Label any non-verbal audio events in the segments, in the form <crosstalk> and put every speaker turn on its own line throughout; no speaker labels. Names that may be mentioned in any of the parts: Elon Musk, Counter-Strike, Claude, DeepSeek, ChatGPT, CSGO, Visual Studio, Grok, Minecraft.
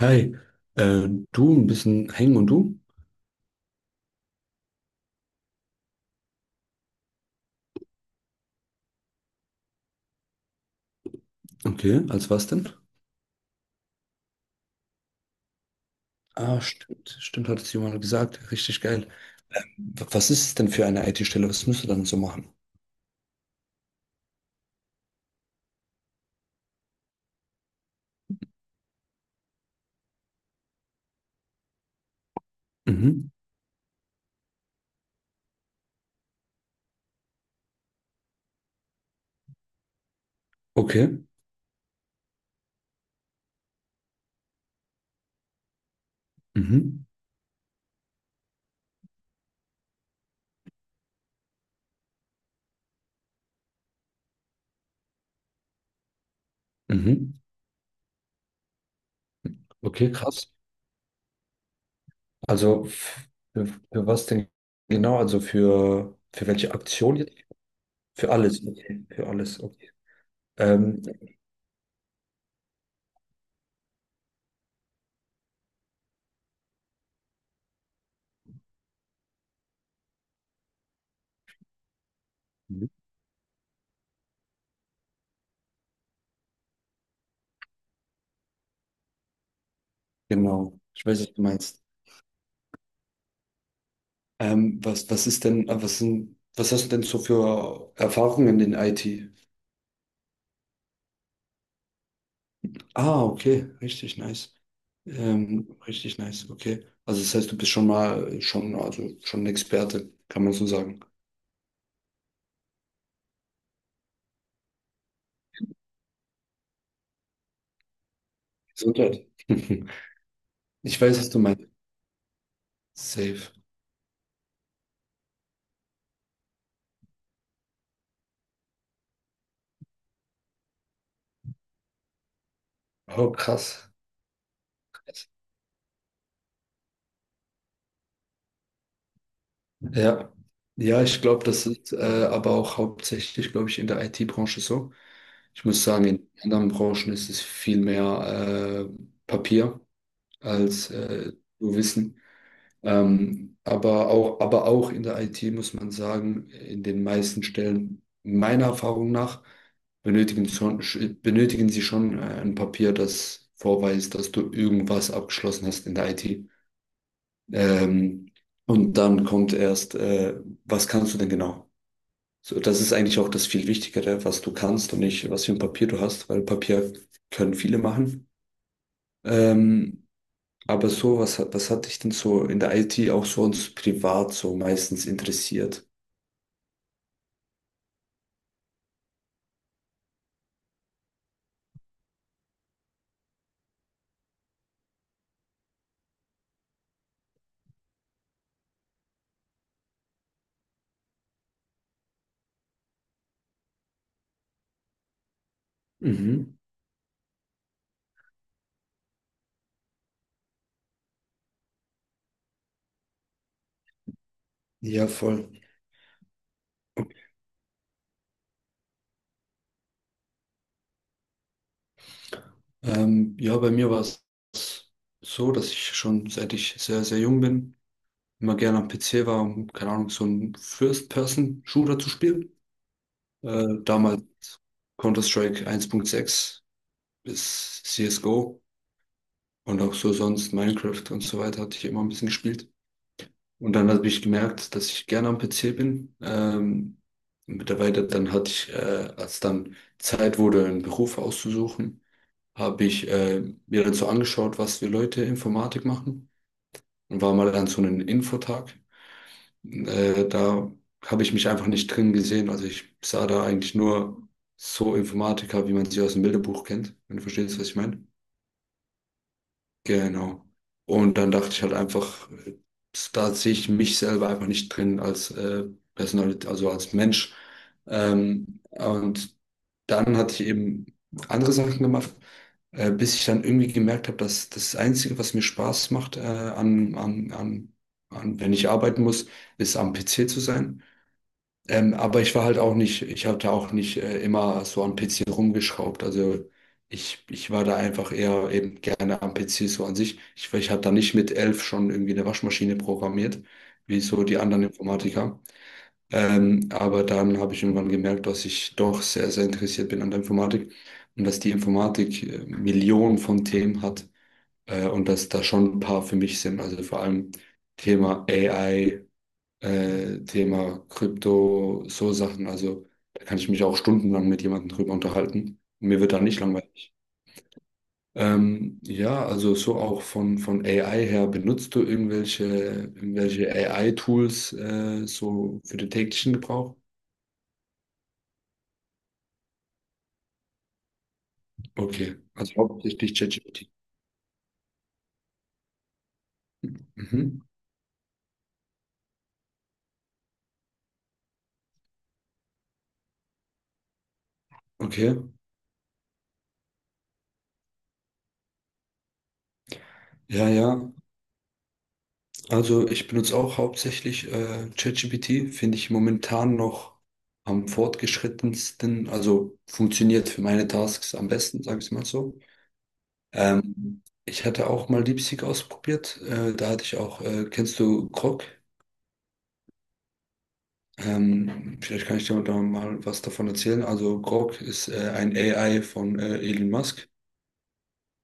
Hi, du ein bisschen hängen und du? Okay, als was denn? Ah, stimmt, stimmt, hat es jemand gesagt. Richtig geil. Was ist es denn für eine IT-Stelle? Was müsst ihr dann so machen? Mhm. Okay. Mhm. Mhm. Okay, krass. Also für was denn genau? Also für welche Aktion jetzt? Für alles, okay. Für alles, okay. Ähm, Mhm. Genau. Ich weiß, was du meinst. Was, was ist denn, was sind, was hast du denn so für Erfahrungen in IT? Ah, okay, richtig nice. Richtig nice, okay. Also das heißt, du bist schon mal schon, also schon ein Experte, kann man so sagen. Gesundheit. <laughs> Ich weiß, was du meinst. Safe. Oh, krass. Ja. Ja, ich glaube, das ist aber auch hauptsächlich, glaube ich, in der IT-Branche so. Ich muss sagen, in anderen Branchen ist es viel mehr Papier als nur Wissen. Aber auch in der IT muss man sagen, in den meisten Stellen meiner Erfahrung nach schon, benötigen sie schon ein Papier, das vorweist, dass du irgendwas abgeschlossen hast in der IT. Ähm, und dann kommt erst, was kannst du denn genau? So, das ist eigentlich auch das viel Wichtigere, was du kannst und nicht, was für ein Papier du hast, weil Papier können viele machen. Ähm, aber so, was, was hat dich denn so in der IT auch sonst privat so meistens interessiert? Mhm. Ja, voll. Ja, bei mir war es so, dass ich schon seit ich sehr, sehr jung bin, immer gerne am PC war, um, keine Ahnung, so einen First-Person-Shooter zu spielen. Damals Counter-Strike 1.6 bis CSGO und auch so sonst Minecraft und so weiter hatte ich immer ein bisschen gespielt. Und dann habe ich gemerkt, dass ich gerne am PC bin. Mittlerweile dann hatte ich, als dann Zeit wurde, einen Beruf auszusuchen, habe ich mir dann so angeschaut, was für Leute Informatik machen und war mal an so einem Infotag. Da habe ich mich einfach nicht drin gesehen. Also ich sah da eigentlich nur so Informatiker, wie man sie aus dem Bilderbuch kennt, wenn du verstehst, was ich meine. Genau. Und dann dachte ich halt einfach, da sehe ich mich selber einfach nicht drin als Personalität, also als Mensch. Und dann hatte ich eben andere Sachen gemacht, bis ich dann irgendwie gemerkt habe, dass das Einzige, was mir Spaß macht, wenn ich arbeiten muss, ist am PC zu sein. Aber ich war halt auch nicht, ich hatte auch nicht immer so am PC rumgeschraubt. Also ich war da einfach eher eben gerne am PC so an sich. Ich habe da nicht mit 11 schon irgendwie eine Waschmaschine programmiert, wie so die anderen Informatiker. Aber dann habe ich irgendwann gemerkt, dass ich doch sehr, sehr interessiert bin an der Informatik und dass die Informatik Millionen von Themen hat und dass da schon ein paar für mich sind. Also vor allem Thema AI Thema Krypto, so Sachen. Also da kann ich mich auch stundenlang mit jemandem drüber unterhalten. Mir wird da nicht langweilig. Ja, also so auch von AI her, benutzt du irgendwelche, irgendwelche AI-Tools so für den täglichen Gebrauch? Okay, also hauptsächlich ChatGPT. Mhm. Okay, ja, ja. Also ich benutze auch hauptsächlich ChatGPT, finde ich momentan noch am fortgeschrittensten, also funktioniert für meine Tasks am besten, sage ich mal so. Ich hatte auch mal DeepSeek ausprobiert, da hatte ich auch, kennst du Grok? Vielleicht kann ich dir da mal was davon erzählen. Also Grok ist ein AI von Elon Musk.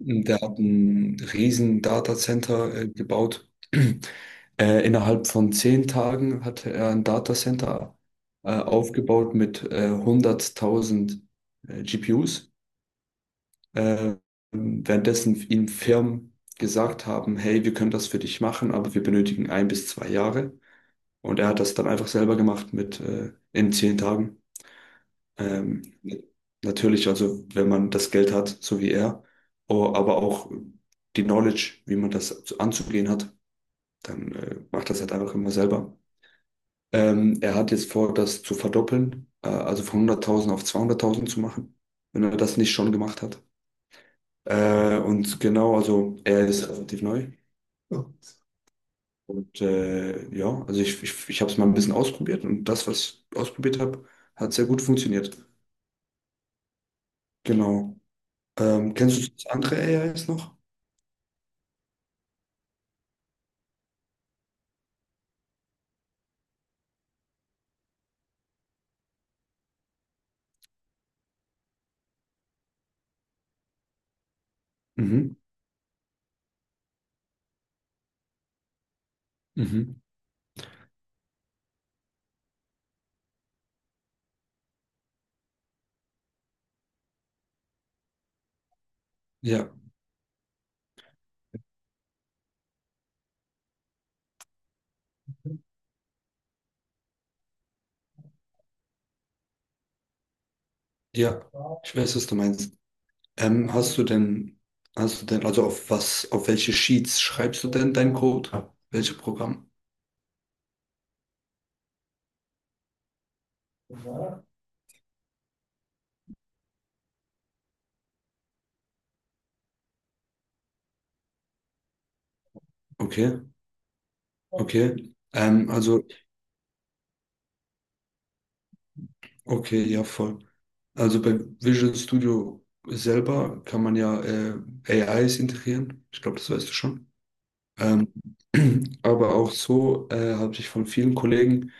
Der hat ein riesen Datacenter gebaut. <clears throat> Innerhalb von 10 Tagen hatte er ein Datacenter aufgebaut mit 100.000 GPUs. Äh, währenddessen ihm Firmen gesagt haben, hey, wir können das für dich machen, aber wir benötigen 1 bis 2 Jahre. Und er hat das dann einfach selber gemacht mit in 10 Tagen. Ähm, natürlich, also wenn man das Geld hat, so wie er, oh, aber auch die Knowledge, wie man das anzugehen hat, dann macht das halt einfach immer selber. Er hat jetzt vor, das zu verdoppeln, also von 100.000 auf 200.000 zu machen, wenn er das nicht schon gemacht hat. Und genau, also er ist relativ neu. Ja. Und ja, also ich habe es mal ein bisschen ausprobiert und das, was ich ausprobiert habe, hat sehr gut funktioniert. Genau. Kennst du das andere AIs noch? Mhm. Mhm. Ja, ja. Ich weiß, was du meinst. Ähm, hast du denn, hast du denn, also auf was, auf welche Sheets schreibst du denn deinen Code? Welche Programm? Okay, okay. Okay, ja, voll. Also bei Visual Studio selber kann man ja AIs integrieren. Ich glaube, das weißt du schon. Ähm, <clears throat> aber auch so habe ich von vielen Kollegen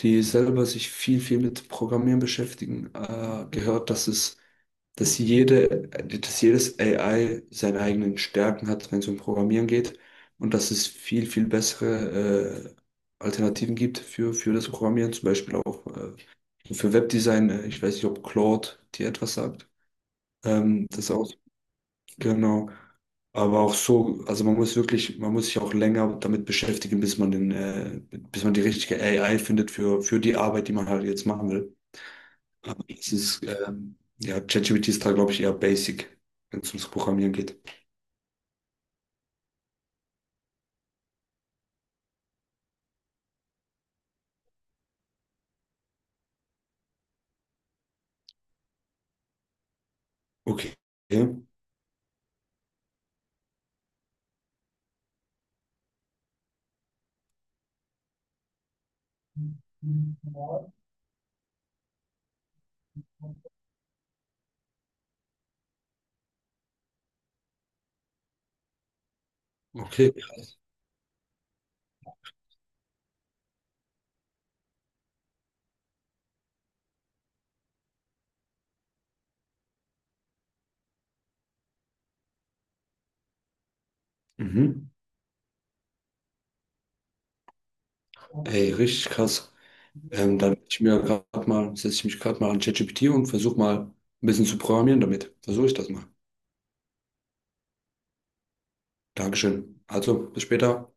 die selber sich viel, viel mit Programmieren beschäftigen, gehört, dass es, dass jede, dass jedes AI seine eigenen Stärken hat, wenn es um Programmieren geht und dass es viel, viel bessere Alternativen gibt für das Programmieren, zum Beispiel auch für Webdesign. Ich weiß nicht, ob Claude dir etwas sagt. Das auch, genau. Aber auch so, also man muss wirklich, man muss sich auch länger damit beschäftigen, bis man den, bis man die richtige AI findet für die Arbeit, die man halt jetzt machen will. Es ist, ja, ChatGPT ist da, glaube ich, eher basic, wenn es ums Programmieren geht. Okay. Okay. Mhm. Ey, richtig krass. Dann setz ich mir grad mal, setze ich mich gerade mal an ChatGPT und versuche mal ein bisschen zu programmieren damit. Versuche ich das mal. Dankeschön. Also, bis später.